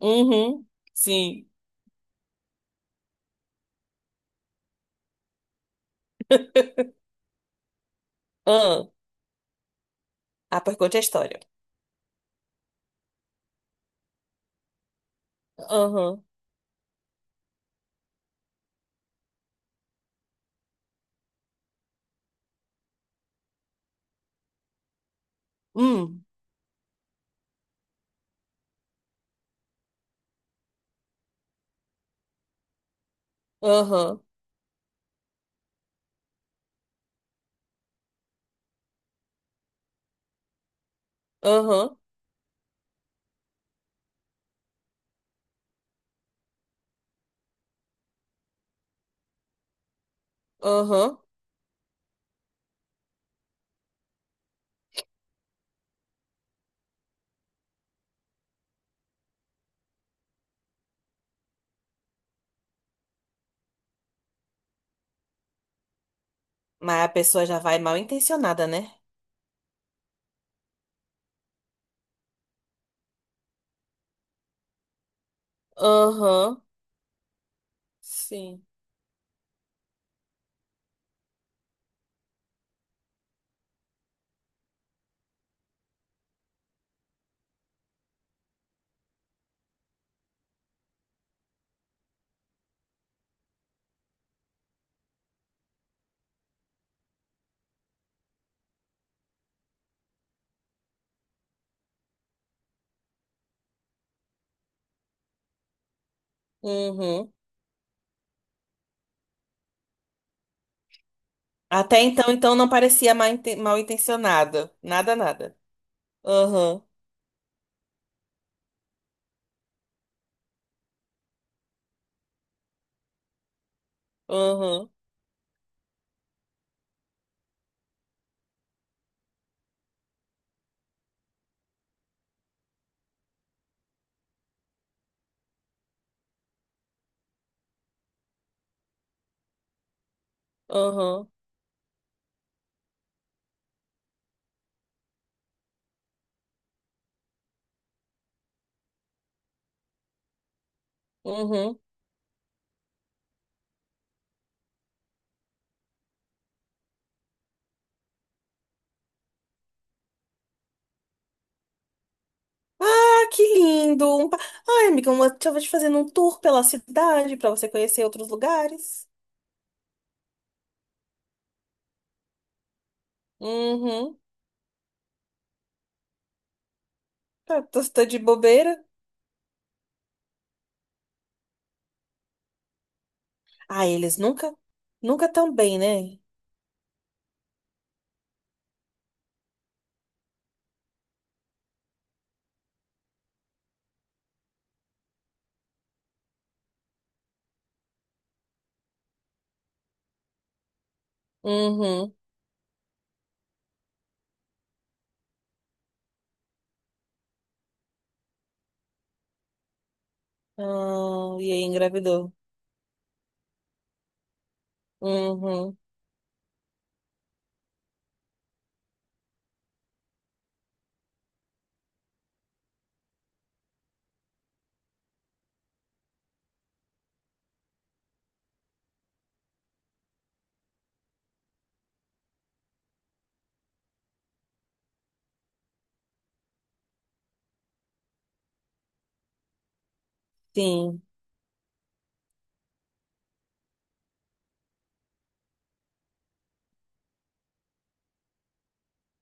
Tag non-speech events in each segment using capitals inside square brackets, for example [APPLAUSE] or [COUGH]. Uhum. Sim. [LAUGHS] Ah, pois conte a história. Aham. Hum. Aham. Aham. Aham. Mas a pessoa já vai mal intencionada, né? Aham. Sim. Uhum. Até então, não parecia mal, mal intencionada. Nada, nada. Aham. Aham. Aham. Uhum. Ah, que lindo! Ai, amiga, uma... deixa eu te fazendo um tour pela cidade pra você conhecer outros lugares. Uhum. Tá, tô de bobeira. Ah, eles nunca, nunca tão bem, né? Uhum. Ah, e aí engravidou. Uhum. Sim,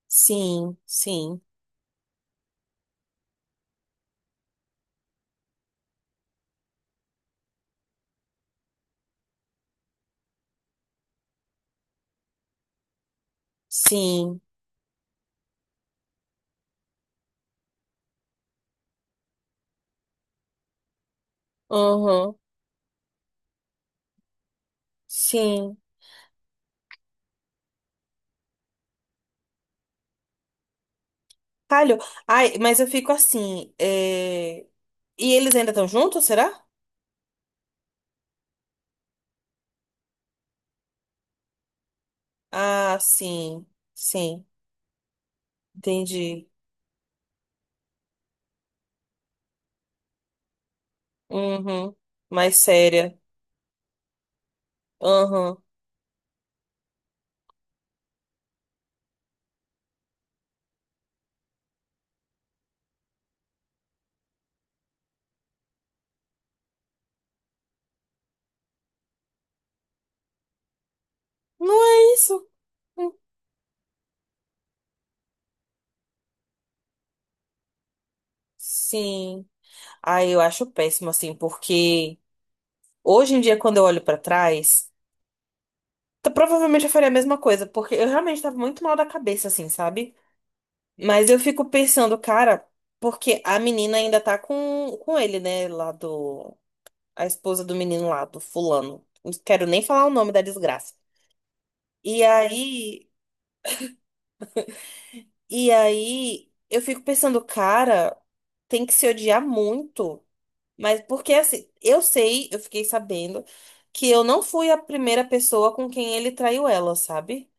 sim, sim, sim. Uhum. Sim. Calho. Ai, mas eu fico assim. E eles ainda estão juntos, será? Ah, sim, sim. Entendi. Uhum. Mais séria. Uhum. Não é isso? Hum, sim. Ai, eu acho péssimo, assim, porque hoje em dia, quando eu olho pra trás. Provavelmente eu faria a mesma coisa, porque eu realmente tava muito mal da cabeça, assim, sabe? Mas eu fico pensando, cara, porque a menina ainda tá com ele, né? Lá do. A esposa do menino lá, do fulano. Não quero nem falar o nome da desgraça. E aí. E aí. Eu fico pensando, cara, tem que se odiar muito. Mas porque, assim, eu sei, eu fiquei sabendo que eu não fui a primeira pessoa com quem ele traiu ela, sabe?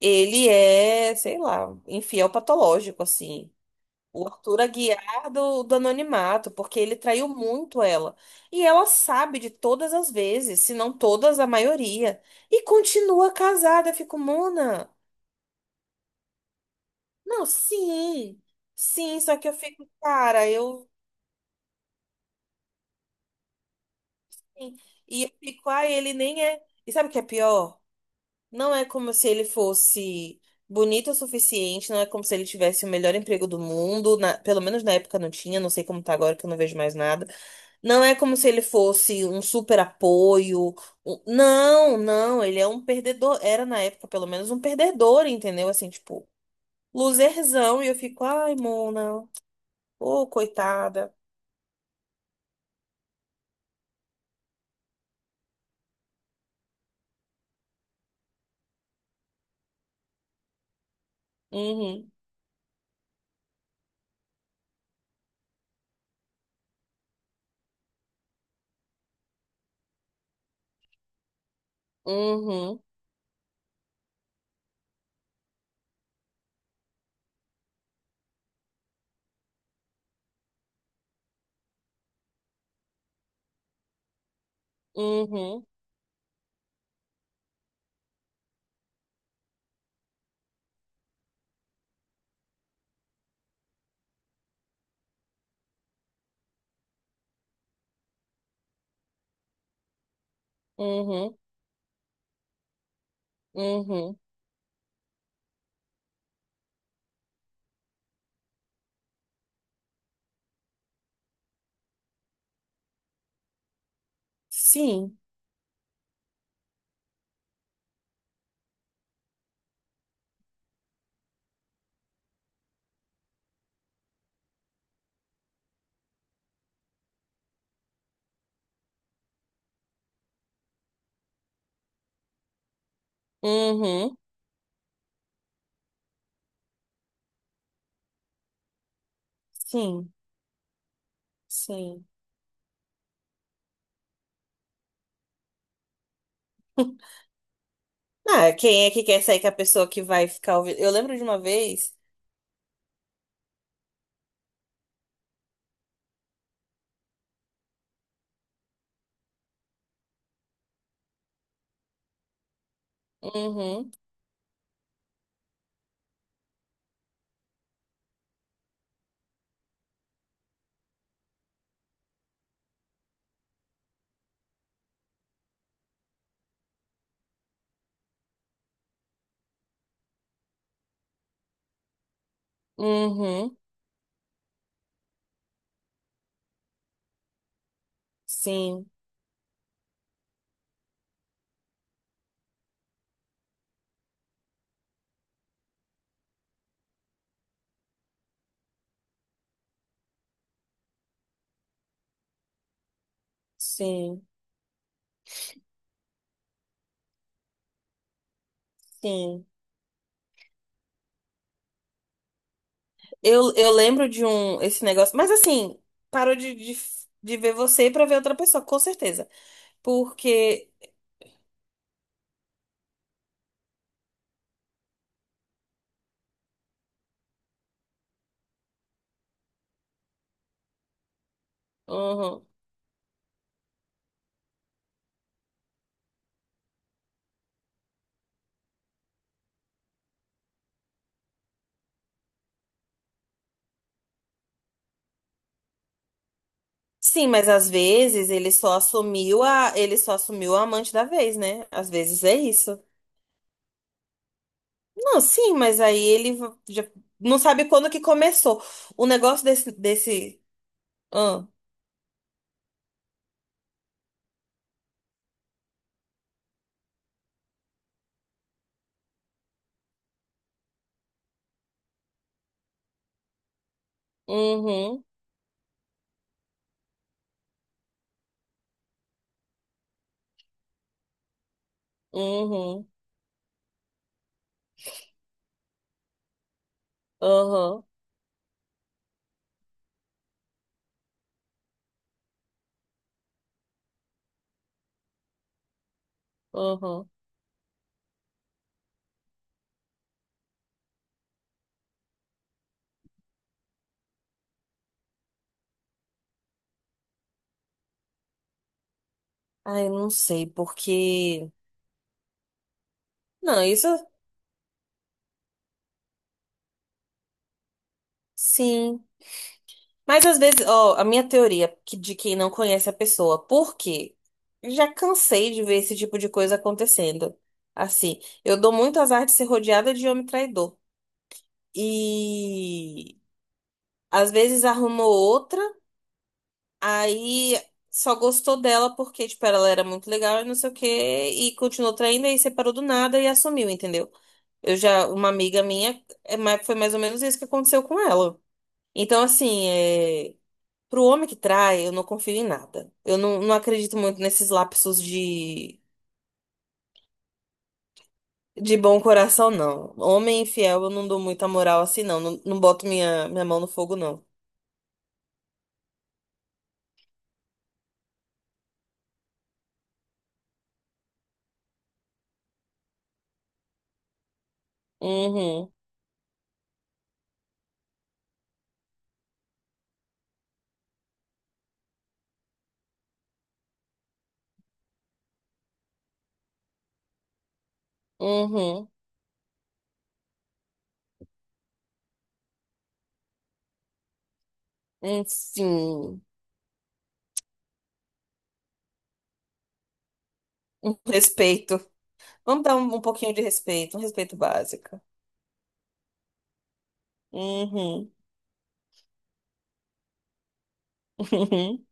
Ele é, sei lá, infiel patológico, assim. O Arthur Aguiar do anonimato, porque ele traiu muito ela. E ela sabe de todas as vezes, se não todas, a maioria. E continua casada. Eu fico, Mona. Não, sim. Sim, só que eu fico, cara, eu. E eu fico, ai, ele nem é. E sabe o que é pior? Não é como se ele fosse bonito o suficiente, não é como se ele tivesse o melhor emprego do mundo, pelo menos na época não tinha, não sei como tá agora que eu não vejo mais nada. Não é como se ele fosse um super apoio. Não, não, ele é um perdedor, era na época pelo menos um perdedor, entendeu? Assim, tipo, loserzão, e eu fico, ai, Mona, ô, coitada. Uhum, uhum, uhum, uhum, uhum. Sim, uhum, sim, sim. Ah, quem é que quer sair com a pessoa que vai ficar ouvindo? Eu lembro de uma vez. Uhum, uhum, sim, sim, sim. Eu lembro de um, esse negócio. Mas assim, parou de ver você pra ver outra pessoa, com certeza. Porque. Uhum. Sim, mas às vezes ele só assumiu a, ele só assumiu a amante da vez, né? Às vezes é isso. Não, sim, mas aí já não sabe quando que começou. O negócio desse, desse, ah, uhum. Uhum, uhum, uhum. Ai, não sei, porque. Não, isso sim. Mas às vezes, ó, a minha de quem não conhece a pessoa, por quê? Já cansei de ver esse tipo de coisa acontecendo. Assim, eu dou muito azar de ser rodeada de homem traidor. E às vezes arrumou outra, aí só gostou dela porque, tipo, ela era muito legal e não sei o quê, e continuou traindo, aí separou do nada e assumiu, entendeu? Eu já, uma amiga minha, é, mas foi mais ou menos isso que aconteceu com ela. Então, assim, é, pro homem que trai, eu não confio em nada. Eu não, não acredito muito nesses lapsos de bom coração, não. Homem infiel, eu não dou muita moral assim, não. Não, não boto minha mão no fogo, não. Uhum, uhum, sim. Um respeito. Vamos dar um, um pouquinho de respeito, um respeito básico. Uhum, [LAUGHS] uhum,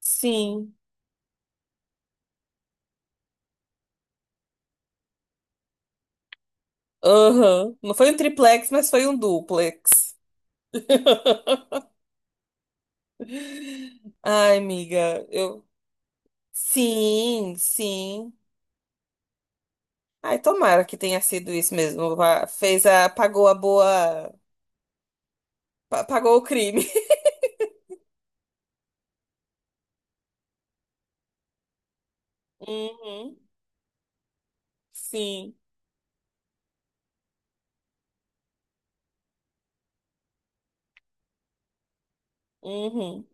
sim. Aham. Não foi um triplex, mas foi um duplex. Ai, amiga, eu. Sim, sim. Ai, tomara que tenha sido isso mesmo. Fez a. Pagou a boa. Pagou o crime. [LAUGHS] Uhum. Sim. Uhum.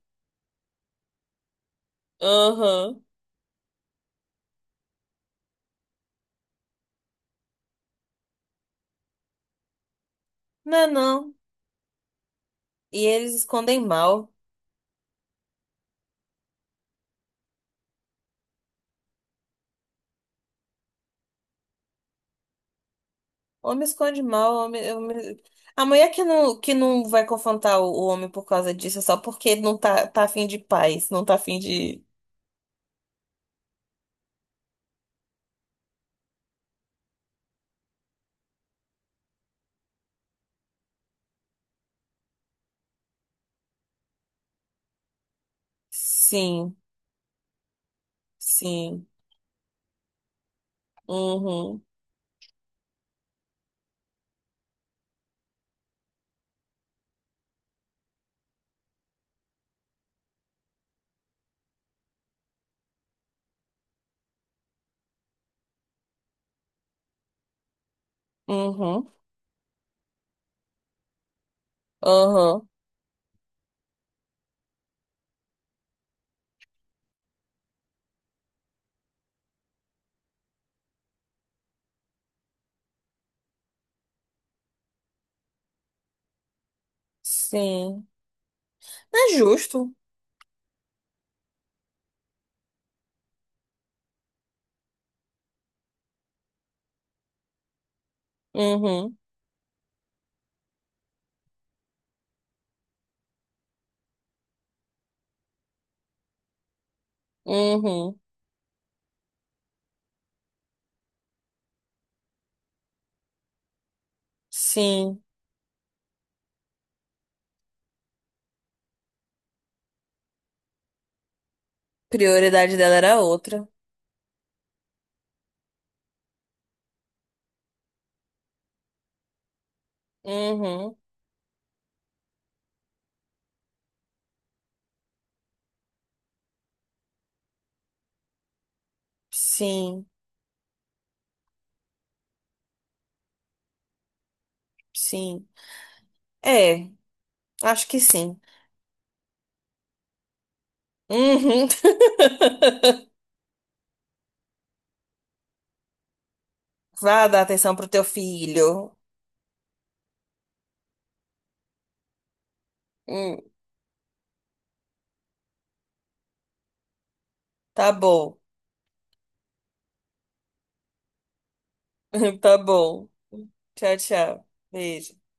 Aham. Não, não. E eles escondem mal. Homem esconde mal. A mulher que não vai confrontar o homem por causa disso é só porque não tá, tá afim de paz. Não tá afim de. Sim, sim. Uhum. Uhum. Aham. Sim. Não é justo. Uhum. Uhum. Sim. Prioridade dela era outra. Uhum. Sim. Sim. É, acho que sim. Uhum. [LAUGHS] Vá dar atenção pro teu filho. Hum, tá bom. [LAUGHS] Tá bom. Tchau, tchau. Beijo.